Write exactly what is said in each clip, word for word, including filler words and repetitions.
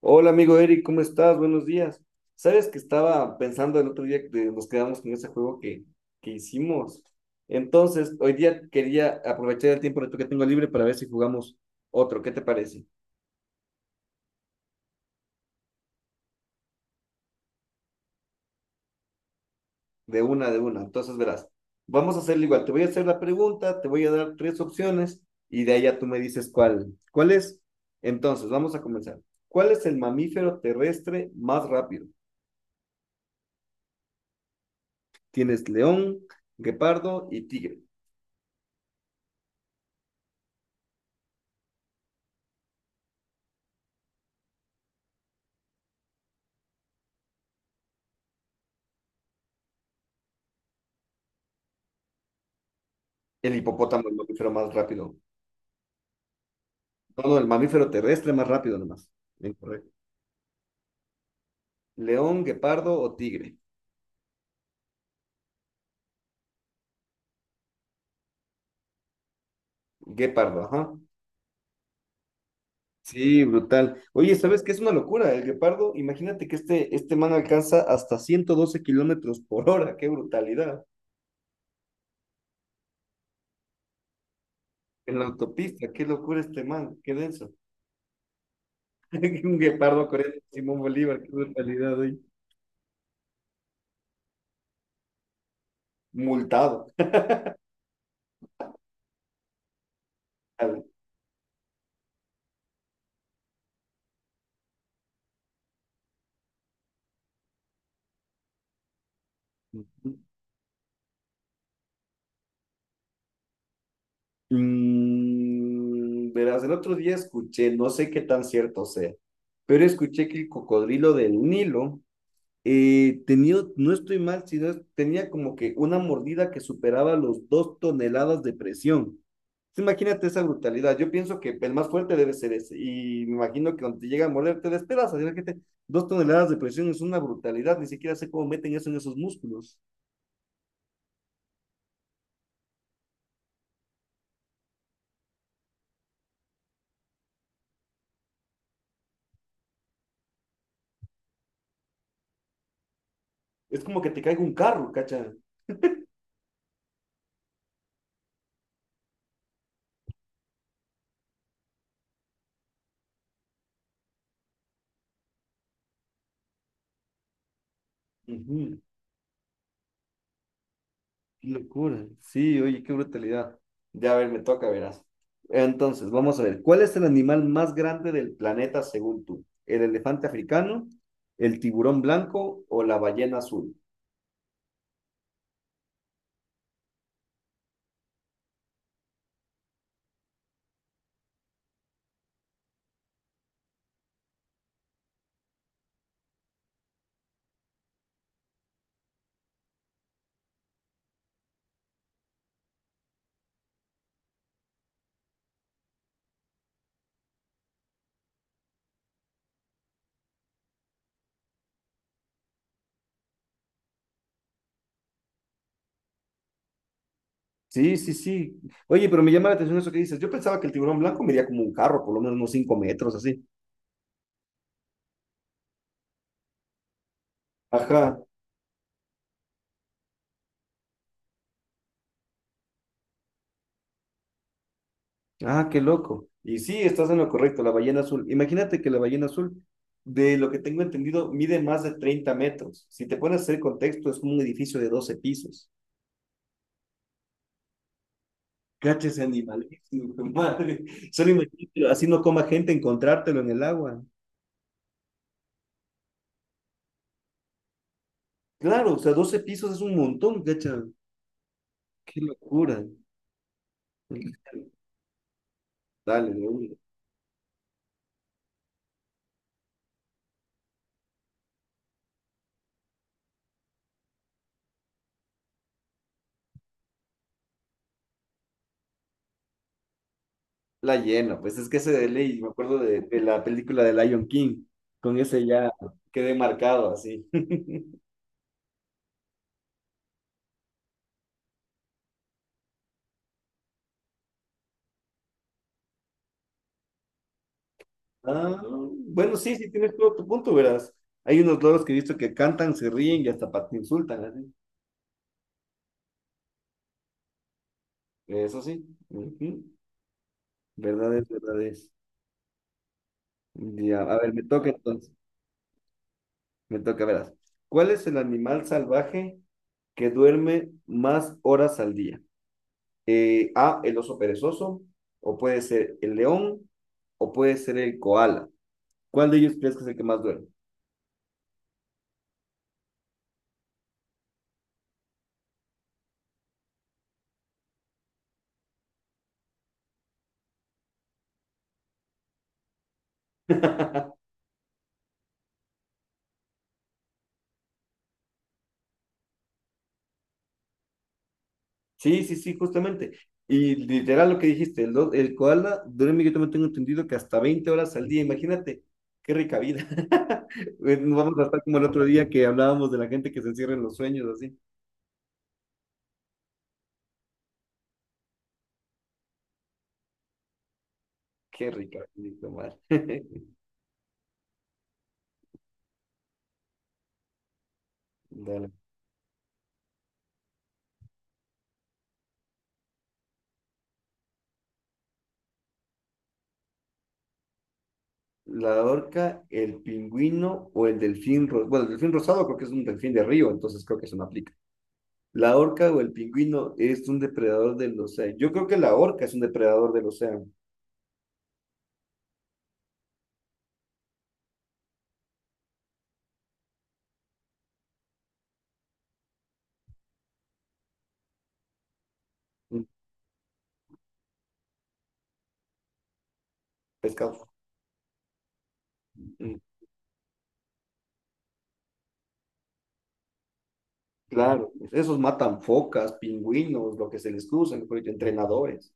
Hola amigo Eric, ¿cómo estás? Buenos días. Sabes que estaba pensando el otro día que nos quedamos con ese juego que, que hicimos. Entonces, hoy día quería aprovechar el tiempo de que tengo libre para ver si jugamos otro. ¿Qué te parece? De una, de una. Entonces, verás, vamos a hacerlo igual. Te voy a hacer la pregunta, te voy a dar tres opciones y de ahí ya tú me dices cuál, cuál es. Entonces, vamos a comenzar. ¿Cuál es el mamífero terrestre más rápido? Tienes león, guepardo y tigre. El hipopótamo es el mamífero más rápido. No, no, el mamífero terrestre más rápido nomás. Incorrecto. León, guepardo o tigre. Guepardo, ajá. Sí, brutal. Oye, ¿sabes qué es una locura? El guepardo, imagínate que este, este man alcanza hasta ciento doce kilómetros por hora. ¡Qué brutalidad! En la autopista, qué locura este man, qué denso. Un guepardo corriendo el Simón Bolívar, qué brutalidad hoy. Multado. Mm, verás, el otro día escuché, no sé qué tan cierto sea, pero escuché que el cocodrilo del Nilo eh, tenía, no estoy mal, sino es- tenía como que una mordida que superaba los dos toneladas de presión. Entonces, imagínate esa brutalidad. Yo pienso que el más fuerte debe ser ese. Y me imagino que cuando te llega a morder te despedazas. Imagínate, dos toneladas de presión es una brutalidad. Ni siquiera sé cómo meten eso en esos músculos. Es como que te caiga un carro, cacha. Ujú. Qué locura. Sí, oye, qué brutalidad. Ya, a ver, me toca, verás. Entonces, vamos a ver. ¿Cuál es el animal más grande del planeta según tú? ¿El elefante africano, el tiburón blanco o la ballena azul? Sí, sí, sí. Oye, pero me llama la atención eso que dices. Yo pensaba que el tiburón blanco medía como un carro, por lo menos unos cinco metros, así. Ajá. Ah, qué loco. Y sí, estás en lo correcto, la ballena azul. Imagínate que la ballena azul, de lo que tengo entendido, mide más de treinta metros. Si te pones a hacer contexto, es como un edificio de doce pisos. Cacha ese animalísimo, madre. Solo imagínate, así no coma gente encontrártelo en el agua. Claro, o sea, doce pisos es un montón, cacha. Qué locura. Dale, de una. La llena, pues es que ese de ley, me acuerdo de, de la película de Lion King, con ese ya quedé marcado así. Ah, bueno, sí, sí, tienes todo tu punto, verás. Hay unos loros que he visto que cantan, se ríen y hasta pa- te insultan, así. Eso sí. Ujú. Verdad es, verdad es. Ya, a ver, me toca entonces. Me toca, verás. ¿Cuál es el animal salvaje que duerme más horas al día? Eh, A, el oso perezoso, o puede ser el león, o puede ser el koala. ¿Cuál de ellos crees que es el que más duerme? Sí, sí, sí, justamente. Y literal lo que dijiste, el, do- el koala duerme, yo también tengo entendido que hasta veinte horas al día, imagínate, qué rica vida. Nos vamos a estar como el otro día que hablábamos de la gente que se encierra en los sueños, así. Qué rica vida, Omar. Dale. La orca, el pingüino o el delfín, ro- bueno, el delfín rosado creo que es un delfín de río, entonces creo que eso no aplica. La orca o el pingüino es un depredador del océano. Yo creo que la orca es un depredador del océano, un pescado. Mm. Claro, esos matan focas, pingüinos, lo que se les cruza, mejor dicho, entrenadores.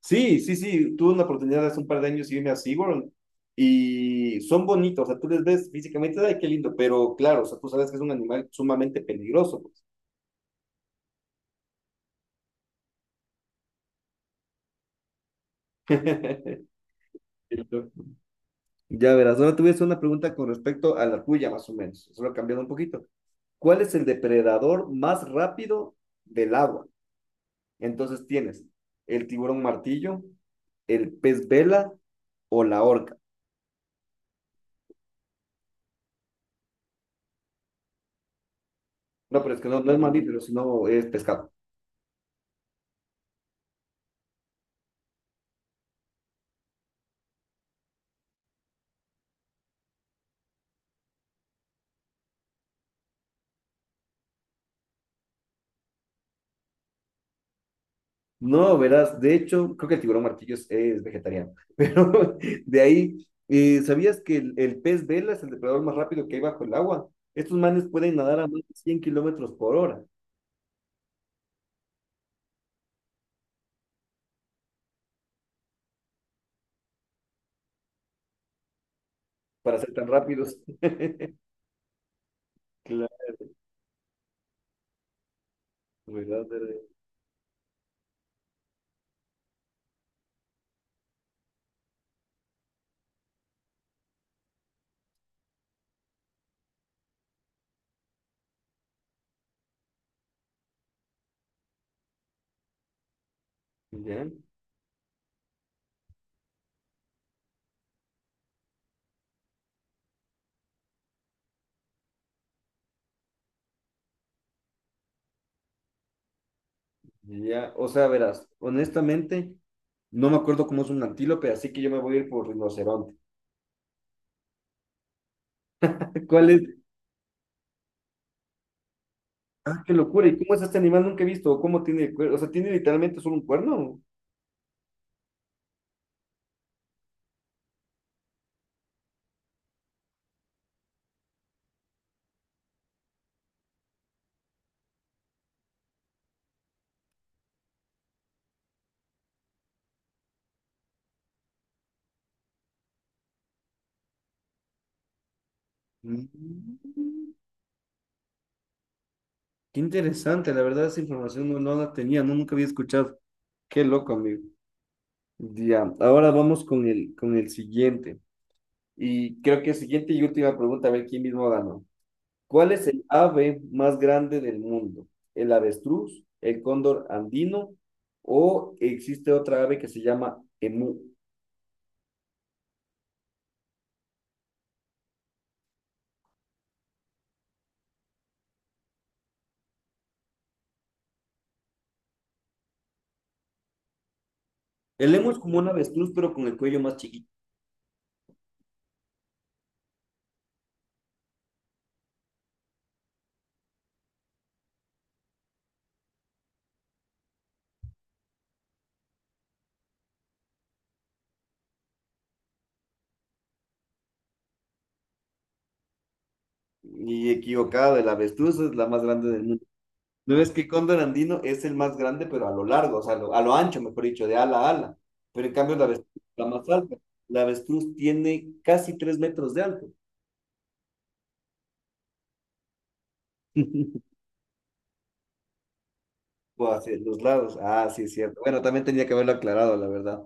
Sí, sí, sí, tuve una oportunidad hace un par de años y irme a SeaWorld y son bonitos, o sea, tú les ves físicamente, ay, qué lindo, pero claro, o sea, tú sabes que es un animal sumamente peligroso, pues. Ya verás, ahora te voy a hacer una pregunta con respecto a la tuya, más o menos, solo cambiando un poquito. ¿Cuál es el depredador más rápido del agua? Entonces tienes el tiburón martillo, el pez vela o la orca. No, pero es que no, no es mamífero, sino es pescado. No, verás, de hecho, creo que el tiburón martillo es, es vegetariano, pero de ahí, eh, ¿sabías que el, el pez vela es el depredador más rápido que hay bajo el agua? Estos manes pueden nadar a más de cien kilómetros por hora. Para ser tan rápidos. Claro, ¿verdad? Veré. Ya, ya, o sea, verás, honestamente, no me acuerdo cómo es un antílope, así que yo me voy a ir por rinoceronte. ¿Cuál es? Ah, qué locura, ¿y cómo es este animal? Nunca he visto. ¿O cómo tiene el cuerno? O sea, ¿tiene literalmente solo un cuerno? Mm. Qué interesante, la verdad, esa información no, no la tenía, no, nunca había escuchado. Qué loco, amigo. Ya, ahora vamos con el, con el siguiente. Y creo que siguiente y última pregunta, a ver quién mismo ganó. ¿Cuál es el ave más grande del mundo? ¿El avestruz, el cóndor andino o existe otra ave que se llama emú? El emu es como un avestruz, pero con el cuello más chiquito. Y equivocado, el avestruz es la más grande del mundo. ¿No ves que el cóndor andino es el más grande, pero a lo largo, o sea, a lo, a lo ancho, mejor dicho, de ala a ala? Pero en cambio, la avestruz es la más alta. La avestruz tiene casi tres metros de alto. O hacia los lados. Ah, sí, es cierto. Bueno, también tenía que haberlo aclarado, la verdad.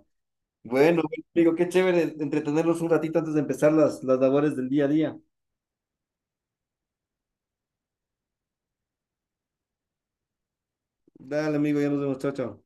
Bueno, bueno, amigo, qué chévere entretenernos un ratito antes de empezar las, las labores del día a día. Dale, amigo, ya nos vemos, chao, chao.